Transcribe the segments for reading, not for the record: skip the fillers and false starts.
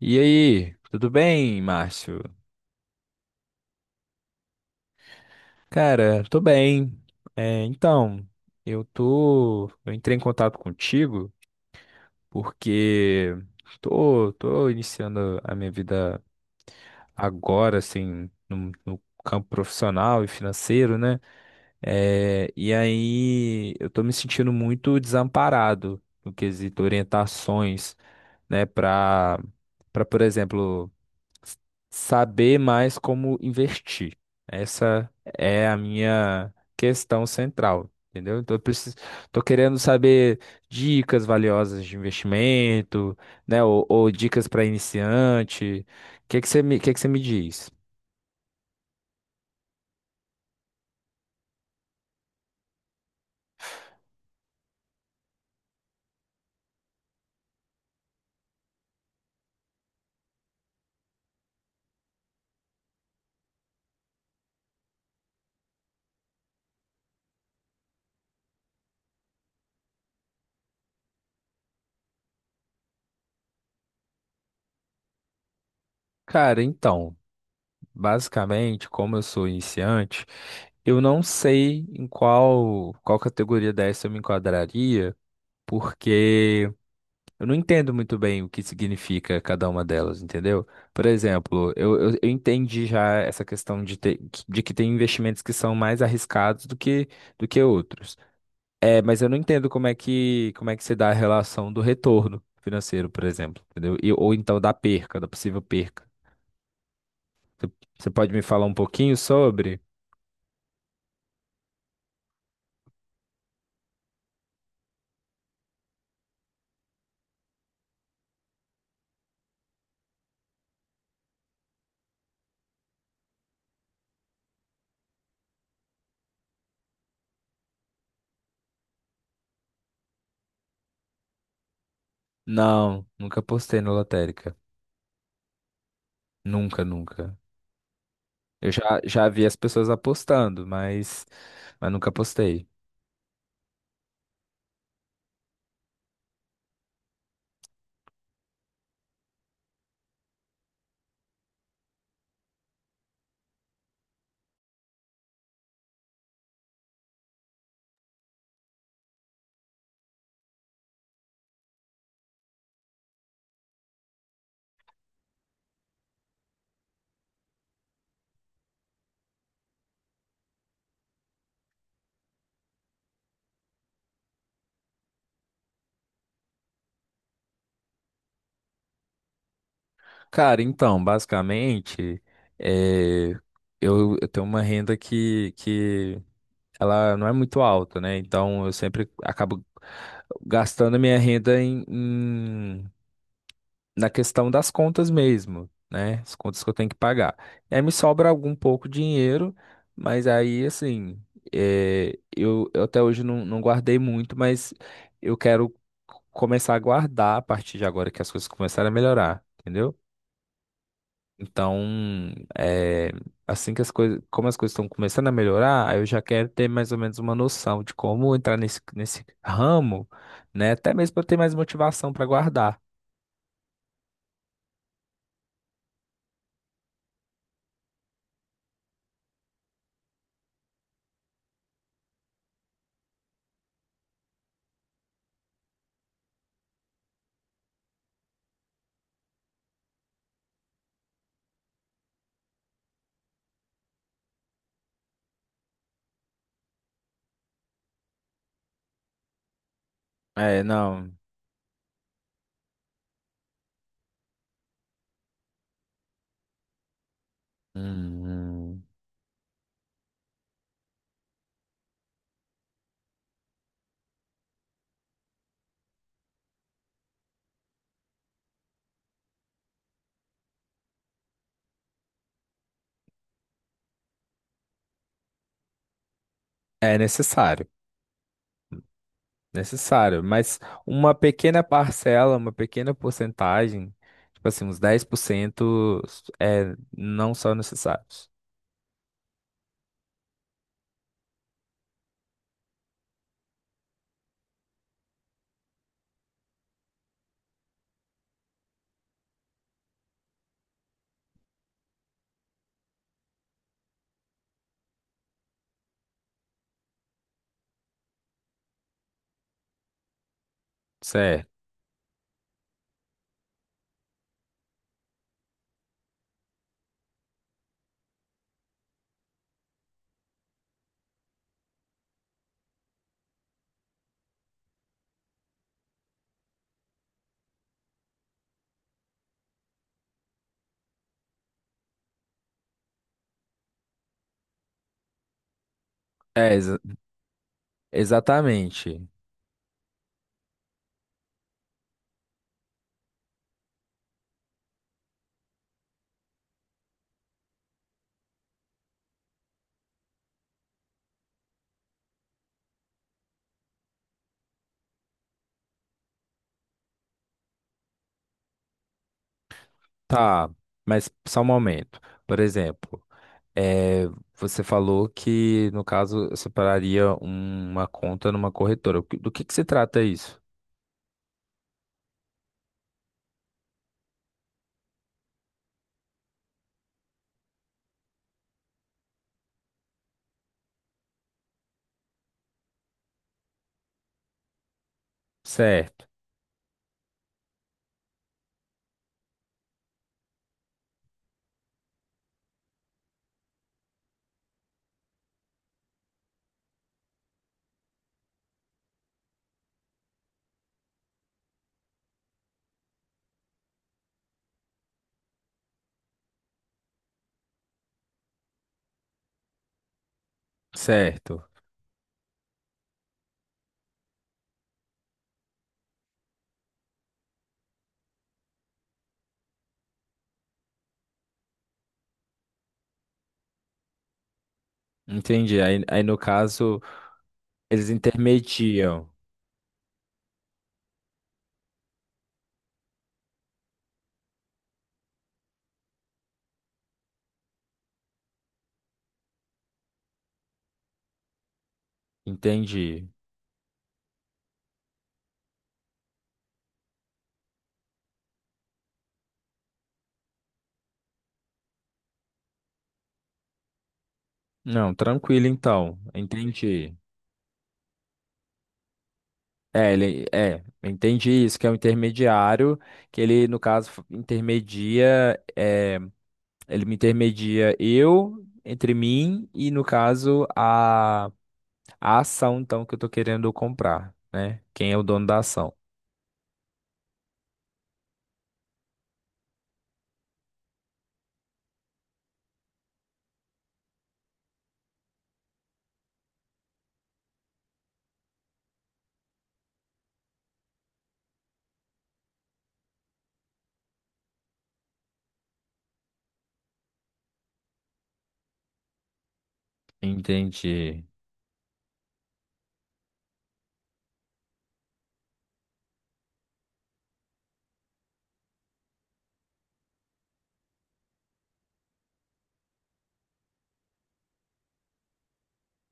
E aí, tudo bem, Márcio? Cara, tô bem. É, então, eu entrei em contato contigo porque tô iniciando a minha vida agora, assim, no campo profissional e financeiro, né? E aí eu tô me sentindo muito desamparado no quesito orientações, né, para, por exemplo, saber mais como investir. Essa é a minha questão central, entendeu? Então, eu preciso, tô querendo saber dicas valiosas de investimento, né? Ou dicas para iniciante. O que que você me diz? Cara, então, basicamente, como eu sou iniciante, eu não sei em qual categoria dessa eu me enquadraria, porque eu não entendo muito bem o que significa cada uma delas, entendeu? Por exemplo, eu entendi já essa questão de ter, de que tem investimentos que são mais arriscados do que outros. É, mas eu não entendo como é que se dá a relação do retorno financeiro, por exemplo, entendeu? E, ou então da perca, da possível perca. Você Você pode me falar um pouquinho sobre? Não, nunca apostei na lotérica. Nunca, nunca. Já vi as pessoas apostando, mas nunca apostei. Cara, então, basicamente, eh, eu tenho uma renda que ela não é muito alta, né? Então, eu sempre acabo gastando a minha renda na questão das contas mesmo, né? As contas que eu tenho que pagar. E aí me sobra algum pouco dinheiro, mas aí, assim, eu até hoje não guardei muito, mas eu quero começar a guardar a partir de agora que as coisas começarem a melhorar, entendeu? Então, é, assim que as coisas, como as coisas estão começando a melhorar, aí eu já quero ter mais ou menos uma noção de como entrar nesse ramo, né? Até mesmo para ter mais motivação para guardar. É, não. Hum, é necessário, necessário, mas uma pequena parcela, uma pequena porcentagem, tipo assim, uns 10%, é, não são necessários. Certo. É, exa- exatamente. Tá, mas só um momento. Por exemplo. É, você falou que, no caso, eu separaria uma conta numa corretora. Do que se trata isso? Certo, certo. Entendi. Aí, no caso, eles intermediam. Entendi. Não, tranquilo então. Entendi. Entendi isso, que é um intermediário, que ele, no caso, intermedia, é, ele me intermedia eu entre mim e, no caso, a ação, então, que eu tô querendo comprar, né? Quem é o dono da ação? Entendi.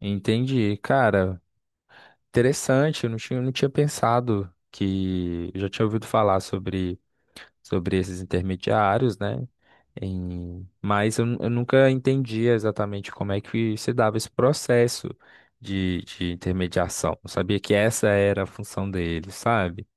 Entendi. Cara, interessante. Eu não tinha, não tinha pensado que. Eu já tinha ouvido falar sobre esses intermediários, né? Mas eu nunca entendia exatamente como é que se dava esse processo de intermediação. Eu sabia que essa era a função deles, sabe?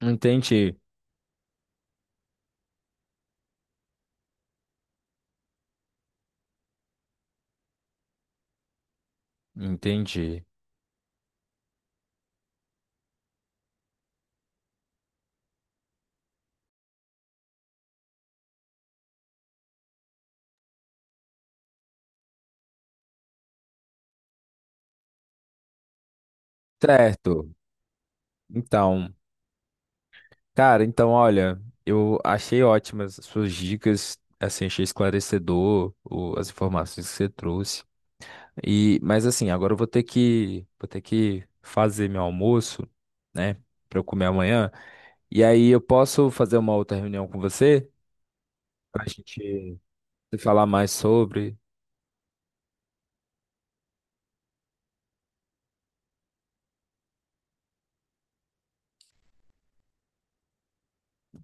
Entendi. Entendi. Certo. Então. Cara, então, olha, eu achei ótimas as suas dicas, assim, achei esclarecedor as informações que você trouxe. E, mas assim, agora eu vou ter que fazer meu almoço, né, pra eu comer amanhã. E aí eu posso fazer uma outra reunião com você pra gente falar mais sobre.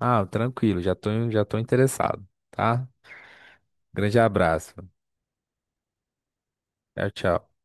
Ah, tranquilo, já tô interessado, tá? Grande abraço. Tchau, tchau.